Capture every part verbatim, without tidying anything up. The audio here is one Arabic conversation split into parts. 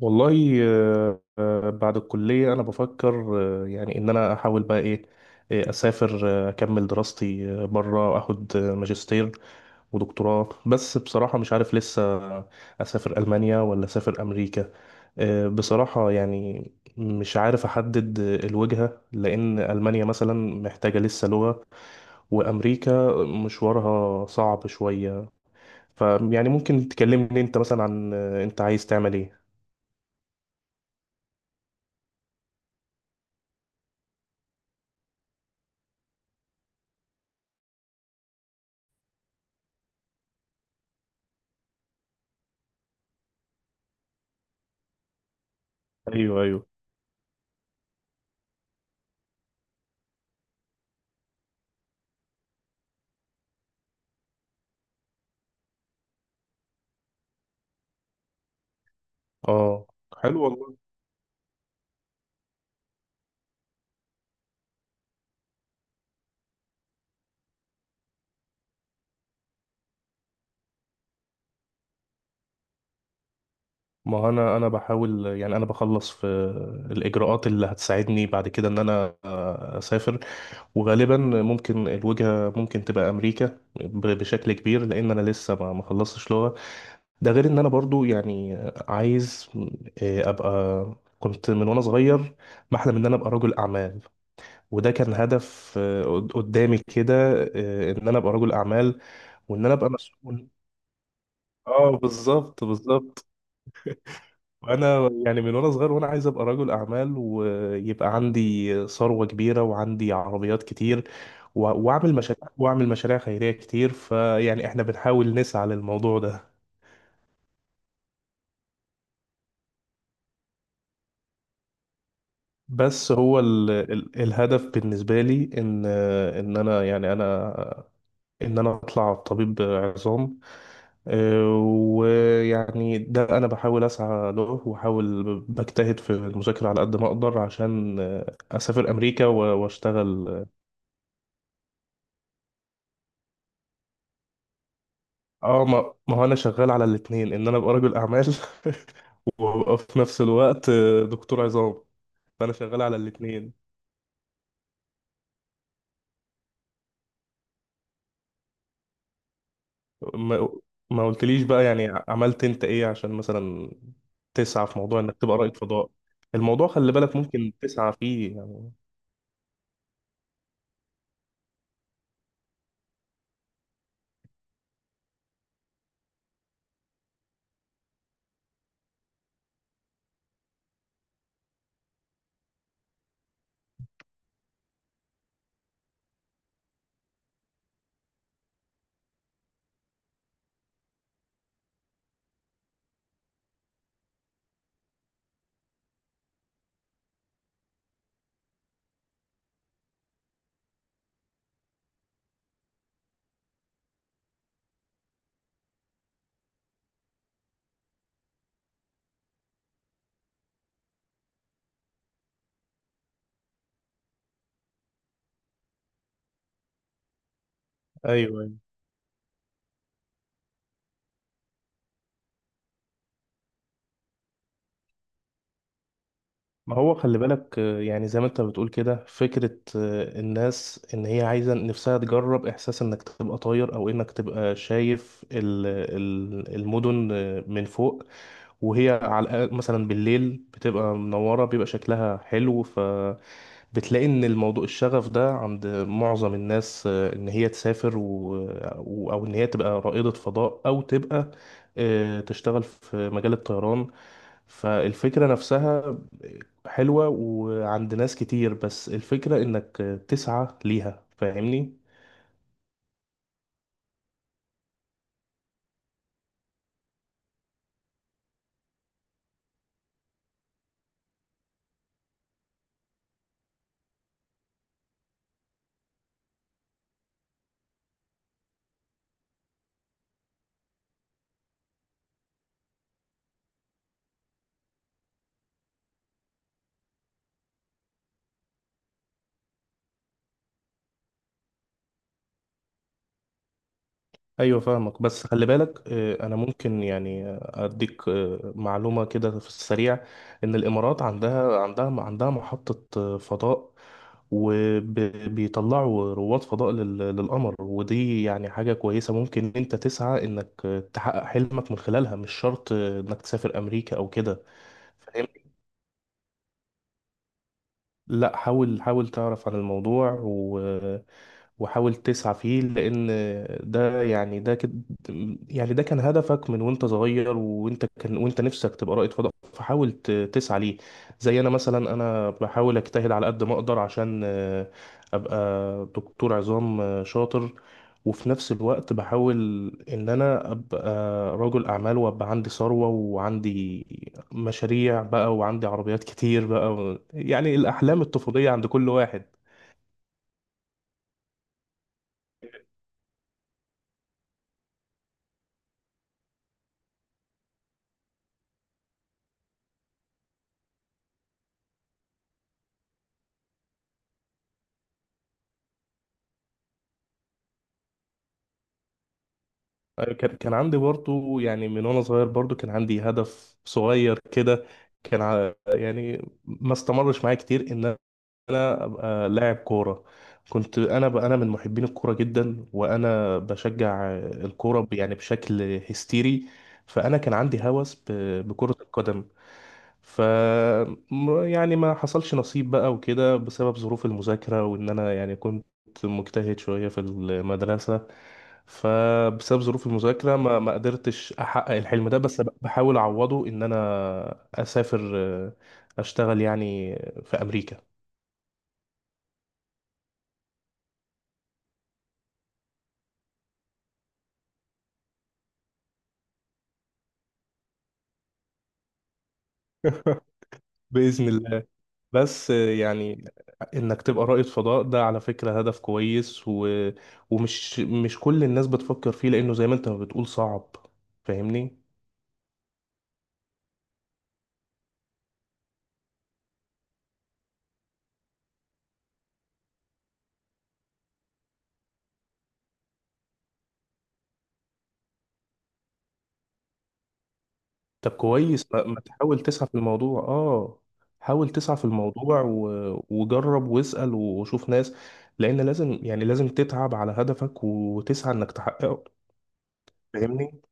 والله، آه، آه، بعد الكلية أنا بفكر، آه، يعني إن أنا أحاول بقى إيه، آه، أسافر، آه، أكمل دراستي آه، برا، أخد آه، ماجستير ودكتوراه. بس بصراحة مش عارف لسه أسافر ألمانيا ولا أسافر أمريكا. آه، بصراحة يعني مش عارف أحدد الوجهة، لأن ألمانيا مثلا محتاجة لسه لغة، وأمريكا مشوارها صعب شوية. فيعني ممكن تكلمني أنت مثلا عن آه، أنت عايز تعمل إيه؟ ايوه، ايوه. اه، حلو والله. ما انا انا بحاول، يعني انا بخلص في الاجراءات اللي هتساعدني بعد كده ان انا اسافر. وغالبا ممكن الوجهه ممكن تبقى امريكا ب- بشكل كبير، لان انا لسه ما ما خلصتش لغه. ده غير ان انا برضو يعني عايز، آه، ابقى. كنت من وانا صغير بحلم ان انا ابقى رجل اعمال، وده كان هدف آه، قدامي كده، آه، ان انا ابقى رجل اعمال وان انا ابقى مسؤول. اه، بالظبط بالظبط. وانا يعني من وانا صغير وانا عايز ابقى رجل اعمال، ويبقى عندي ثروه كبيره وعندي عربيات كتير، و- واعمل مشاريع، واعمل مشاريع خيريه كتير. فيعني احنا بنحاول نسعى للموضوع ده. بس هو ال ال الهدف بالنسبه لي، ان ان انا يعني انا ان انا اطلع طبيب عظام. آه، ويعني ده انا بحاول اسعى له، واحاول بجتهد في المذاكره على قد ما اقدر، عشان آه، اسافر امريكا و- واشتغل. اه، ما ما هو انا شغال على الاثنين، ان انا ابقى رجل اعمال، وابقى في نفس الوقت دكتور عظام. فانا شغال على الاثنين. ما ما قلتليش بقى، يعني عملت انت ايه عشان مثلا تسعى في موضوع انك تبقى رائد فضاء؟ الموضوع خلي بالك ممكن تسعى فيه يعني. ايوه، أيوة. ما هو خلي بالك، آه، يعني زي ما انت بتقول كده فكرة آه، الناس، ان هي عايزة نفسها تجرب احساس انك تبقى طاير او انك تبقى شايف ال- ال- المدن آه، من فوق، وهي على الأقل، مثلا بالليل بتبقى منورة، بيبقى شكلها حلو. ف بتلاقي ان الموضوع، الشغف ده عند معظم الناس، آه، ان هي تسافر، و- و- او ان هي تبقى رائدة فضاء او تبقى آه، تشتغل في مجال الطيران. فالفكرة نفسها حلوة وعند ناس كتير، بس الفكرة انك تسعى ليها، فاهمني؟ ايوه، فاهمك. بس خلي بالك، آه، انا ممكن يعني آه، اديك آه، معلومه كده في السريع. ان الامارات عندها عندها عندها محطه آه، فضاء، وبيطلعوا رواد فضاء لل- للقمر. ودي يعني حاجه كويسه، ممكن انت تسعى انك آه، تحقق حلمك من خلالها، مش شرط آه، انك تسافر امريكا او كده. لا، حاول حاول تعرف عن الموضوع، و... وحاول تسعى فيه، لان ده يعني ده كده، يعني ده كان هدفك من وانت صغير، وانت كان وانت نفسك تبقى رائد فضاء. فحاول ت- تسعى ليه. زي انا مثلا، انا بحاول اجتهد على قد ما اقدر عشان آه، ابقى دكتور عظام آه، شاطر، وفي نفس الوقت بحاول ان انا ابقى رجل اعمال وابقى عندي ثروة وعندي مشاريع بقى وعندي عربيات كتير بقى. و... يعني الاحلام الطفولية عند كل واحد. أيوة، كان كان عندي برضو، يعني من وانا صغير برضو كان عندي هدف صغير كده. كان ع- يعني ما استمرش معايا كتير ان انا ابقى لاعب كوره. كنت انا، ب... انا من محبين الكوره جدا، وانا بشجع الكوره ب- يعني بشكل هستيري. فانا كان عندي هوس ب... بكره القدم. ف م- يعني ما حصلش نصيب بقى وكده، بسبب ظروف المذاكره، وان انا يعني كنت مجتهد شويه في المدرسه. فبسبب ظروف المذاكره ما ما قدرتش احقق الحلم ده، بس بحاول اعوضه ان انا اسافر، آه، اشتغل يعني في امريكا. بإذن الله. بس يعني إنك تبقى رائد فضاء ده على فكرة هدف كويس، و... ومش مش كل الناس بتفكر فيه، لأنه زي ما أنت ما بتقول صعب. فاهمني؟ طب كويس، ما, ما تحاول تسعى في الموضوع. آه، حاول تسعى في الموضوع، و... وجرب واسأل وشوف ناس. لأن لازم، يعني لازم تتعب على هدفك وتسعى إنك تحققه. فاهمني؟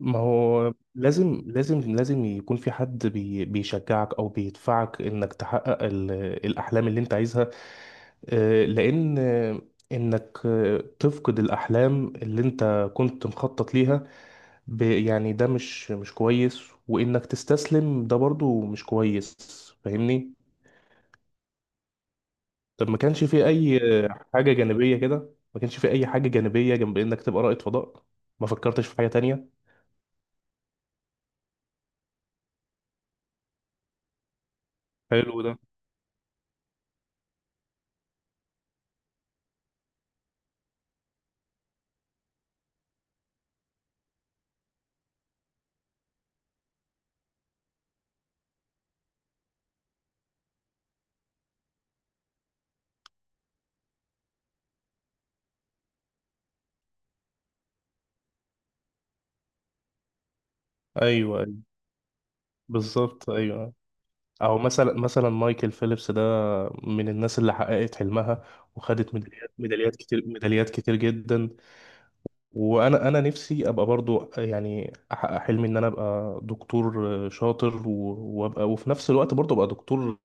ما هو لازم لازم لازم يكون في حد بي بيشجعك او بيدفعك انك تحقق ال- الاحلام اللي انت عايزها. آه، لان آه، انك آه، تفقد الاحلام اللي انت كنت مخطط ليها، ب- يعني ده مش مش كويس، وانك تستسلم ده برضو مش كويس. فاهمني؟ طب ما كانش في اي آه، حاجة جانبية كده؟ ما كانش في اي حاجة جانبية جنب انك تبقى رائد فضاء؟ ما فكرتش في حاجة تانية؟ حلو ده. ايوه، أيوة، بالظبط، ايوه. او مثلا مثلا مايكل فيليبس ده من الناس اللي حققت حلمها، وخدت ميداليات ميداليات كتير، ميداليات كتير جدا. وانا انا نفسي ابقى برضو، يعني احقق حلمي ان انا ابقى دكتور شاطر، و- وابقى وفي نفس الوقت برضو ابقى دكتور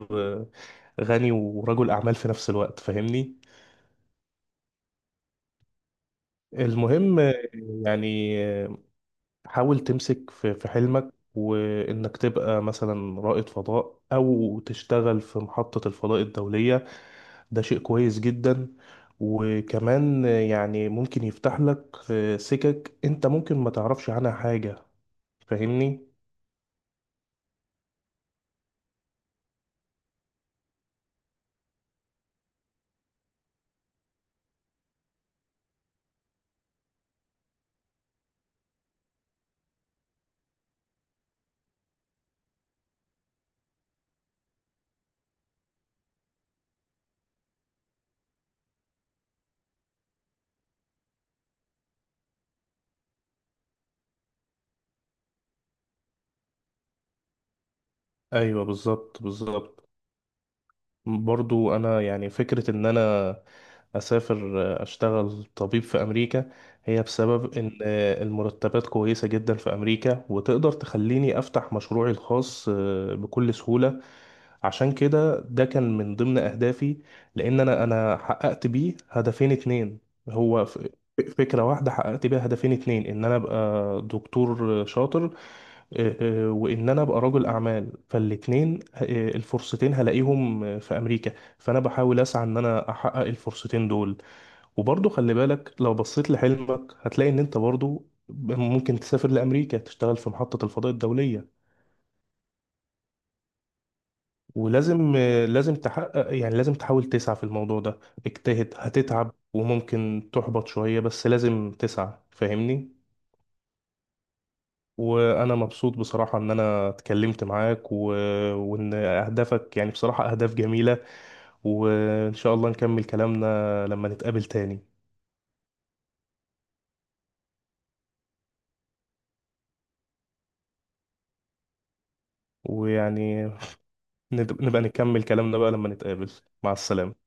غني ورجل اعمال في نفس الوقت. فاهمني؟ المهم يعني، حاول تمسك في في حلمك، وانك تبقى مثلا رائد فضاء او تشتغل في محطة الفضاء الدولية. ده شيء كويس جدا، وكمان يعني ممكن يفتح لك سكك انت ممكن ما تعرفش عنها حاجة. فاهمني؟ ايوه، بالظبط بالظبط. برضو انا يعني فكرة ان انا اسافر، آه، اشتغل طبيب في امريكا، هي بسبب ان المرتبات كويسة جدا في امريكا، وتقدر تخليني افتح مشروعي الخاص آه، بكل سهولة. عشان كده ده كان من ضمن أهدافي، لأن أنا أنا حققت بيه هدفين اتنين. هو ف- فكرة واحدة حققت بيها هدفين اتنين، إن أنا أبقى دكتور شاطر، آه، آه، وإن أنا أبقى رجل أعمال. فالاتنين آه، الفرصتين هلاقيهم آه، في أمريكا، فأنا بحاول أسعى إن أنا أحقق الفرصتين دول. وبرضه خلي بالك، لو بصيت لحلمك هتلاقي إن أنت برضه ممكن تسافر لأمريكا تشتغل في محطة الفضاء الدولية. ولازم لازم تحقق، يعني لازم تحاول تسعى في الموضوع ده. اجتهد، هتتعب وممكن تحبط شوية، بس لازم تسعى. فاهمني؟ وانا مبسوط بصراحة ان انا اتكلمت معاك، و... وان اهدافك يعني بصراحة اهداف جميلة. وان شاء الله نكمل كلامنا لما نتقابل تاني. ويعني نب- نبقى نكمل كلامنا بقى لما نتقابل. مع السلامة.